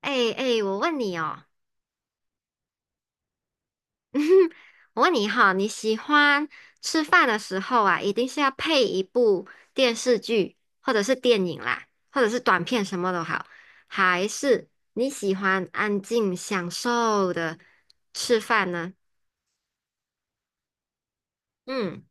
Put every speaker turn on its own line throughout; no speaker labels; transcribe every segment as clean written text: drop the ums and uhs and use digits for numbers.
哎哎，我问你哦，我问你哈，你喜欢吃饭的时候啊，一定是要配一部电视剧，或者是电影啦，或者是短片什么都好，还是你喜欢安静享受的吃饭呢？嗯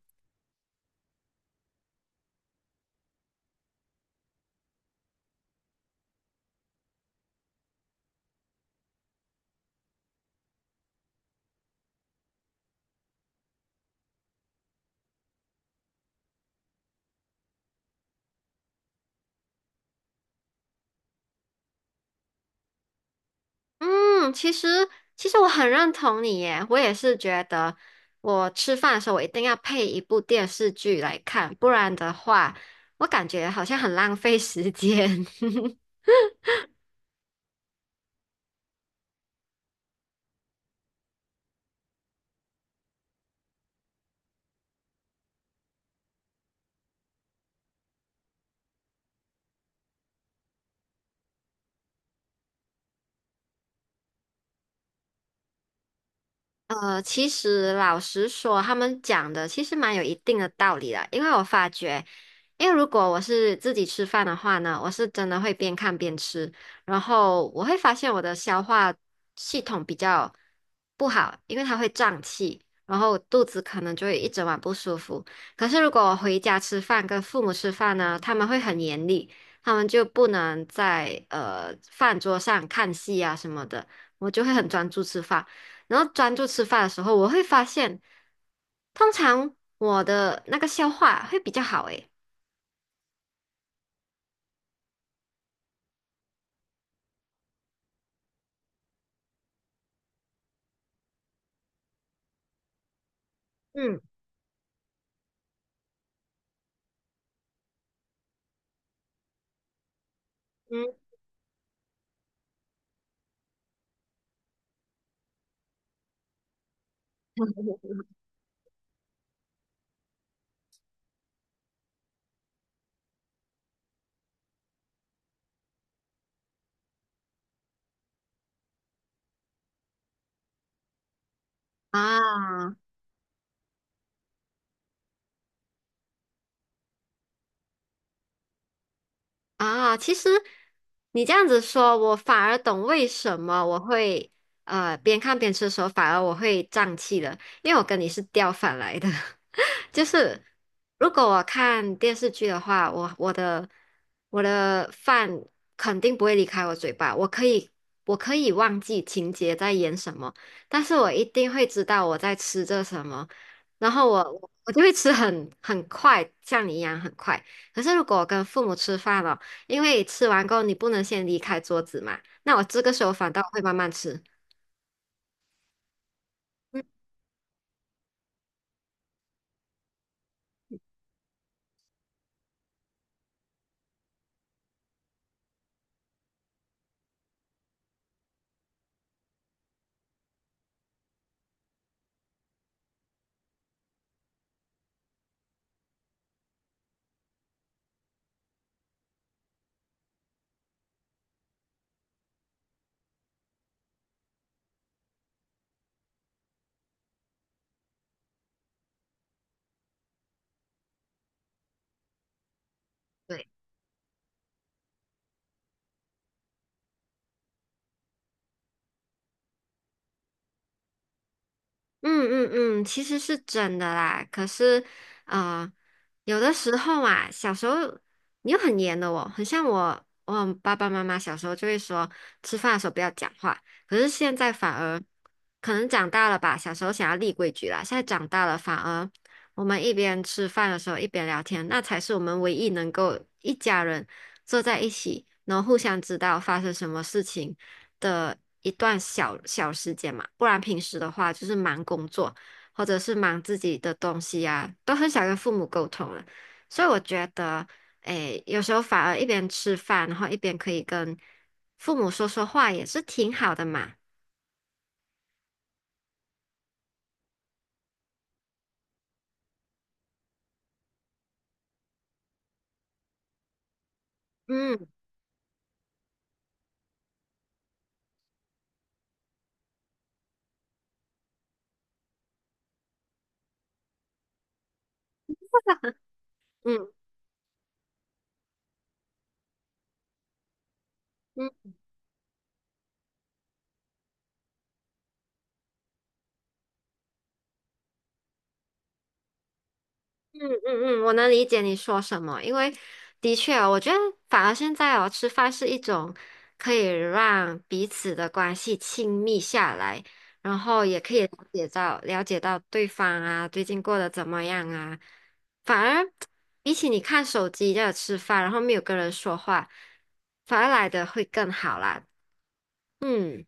嗯，其实我很认同你耶，我也是觉得我吃饭的时候我一定要配一部电视剧来看，不然的话，我感觉好像很浪费时间。其实老实说，他们讲的其实蛮有一定的道理的，因为我发觉，因为如果我是自己吃饭的话呢，我是真的会边看边吃，然后我会发现我的消化系统比较不好，因为它会胀气，然后肚子可能就会一整晚不舒服。可是如果我回家吃饭，跟父母吃饭呢，他们会很严厉，他们就不能在饭桌上看戏啊什么的，我就会很专注吃饭。然后专注吃饭的时候，我会发现，通常我的那个消化会比较好诶。嗯嗯，啊啊，其实你这样子说，我反而懂为什么我会边看边吃的时候，反而我会胀气了，因为我跟你是调反来的。就是如果我看电视剧的话，我的饭肯定不会离开我嘴巴，我可以忘记情节在演什么，但是我一定会知道我在吃着什么，然后我就会吃很快，像你一样很快。可是如果我跟父母吃饭了，因为吃完过后你不能先离开桌子嘛，那我这个时候反倒会慢慢吃。嗯，对。嗯嗯嗯，其实是真的啦。可是，呃，有的时候啊，小时候你又很严的哦，很像我，我爸爸妈妈小时候就会说，吃饭的时候不要讲话。可是现在反而可能长大了吧，小时候想要立规矩啦，现在长大了反而我们一边吃饭的时候一边聊天，那才是我们唯一能够一家人坐在一起，然后互相知道发生什么事情。的一段小小时间嘛，不然平时的话就是忙工作或者是忙自己的东西啊，都很少跟父母沟通了。所以我觉得，诶，有时候反而一边吃饭，然后一边可以跟父母说说话，也是挺好的嘛。嗯嗯嗯。嗯嗯嗯，我能理解你说什么，因为的确哦，我觉得反而现在哦，吃饭是一种可以让彼此的关系亲密下来，然后也可以了解到对方啊，最近过得怎么样啊。反而比起你看手机在那吃饭，然后没有跟人说话，反而来的会更好啦。嗯。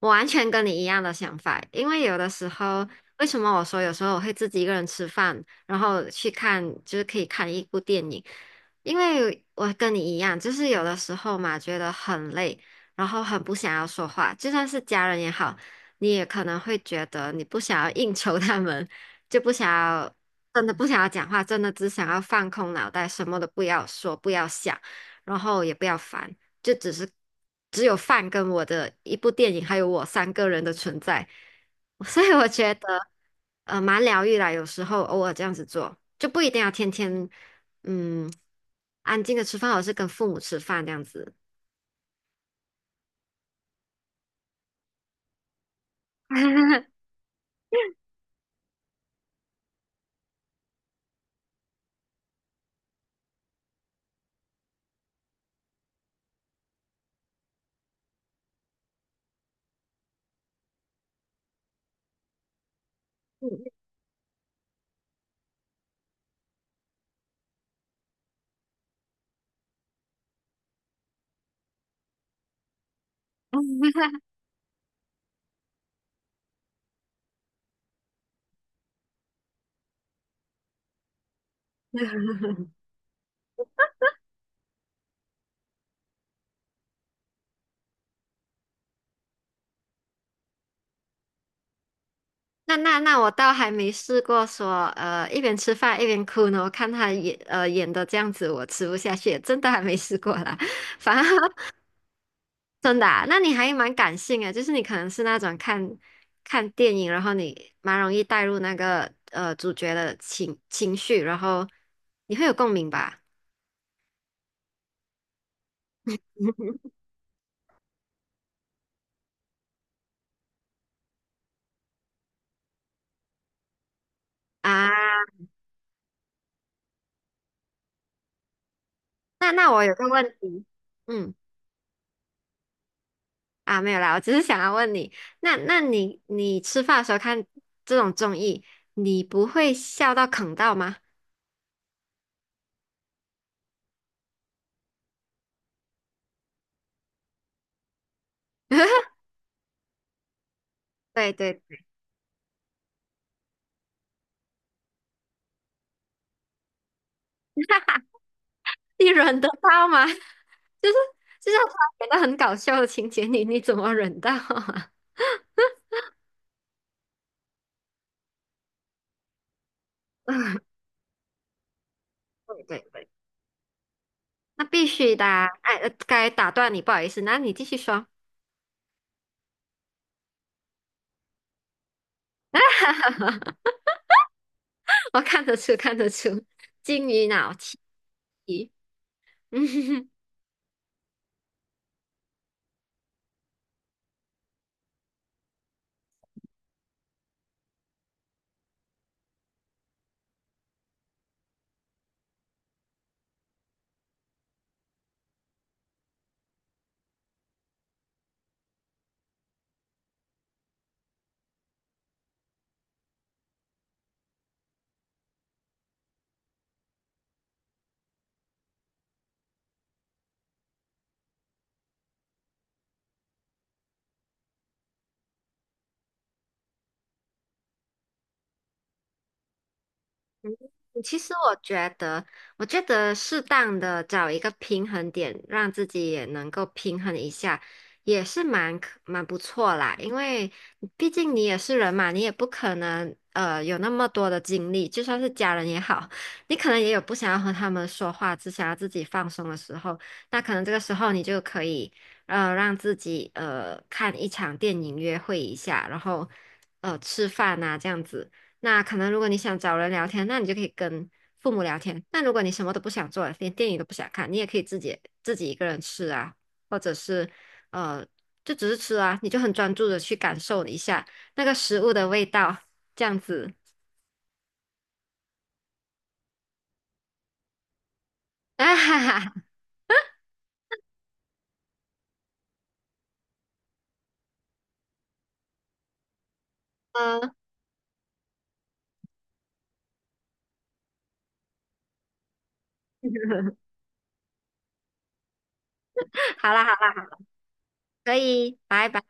我完全跟你一样的想法，因为有的时候，为什么我说有时候我会自己一个人吃饭，然后去看，就是可以看一部电影，因为我跟你一样，就是有的时候嘛，觉得很累，然后很不想要说话，就算是家人也好，你也可能会觉得你不想要应酬他们，就不想要，真的不想要讲话，真的只想要放空脑袋，什么都不要说，不要想，然后也不要烦。就只是只有饭跟我的一部电影，还有我三个人的存在，所以我觉得蛮疗愈啦。有时候偶尔这样子做，就不一定要天天嗯安静的吃饭，而是跟父母吃饭这样子。那我倒还没试过说一边吃饭一边哭呢。我看他演演的这样子，我吃不下去，真的还没试过啦。反而真的啊？那你还蛮感性的，就是你可能是那种看电影，然后你蛮容易带入那个主角的情绪，然后你会有共鸣吧？啊，那我有个问题，嗯，啊，没有啦，我只是想要问你，那你吃饭的时候看这种综艺，你不会笑到啃到吗？对对，你忍得到吗？就是就是他演的很搞笑的情节，你怎么忍到啊？对对对。那必须的啊。哎，该打断你，不好意思，那你继续说，我看得出，看得出，金鱼脑气。嗯 其实我觉得，适当的找一个平衡点，让自己也能够平衡一下，也是蛮不错啦。因为毕竟你也是人嘛，你也不可能有那么多的精力，就算是家人也好，你可能也有不想要和他们说话，只想要自己放松的时候，那可能这个时候你就可以让自己看一场电影约会一下，然后吃饭啊这样子。那可能如果你想找人聊天，那你就可以跟父母聊天。但如果你什么都不想做，连电影都不想看，你也可以自己一个人吃啊，或者是呃，就只是吃啊，你就很专注的去感受一下那个食物的味道，这样子。啊哈哈，嗯，好啦好啦，可以，拜拜。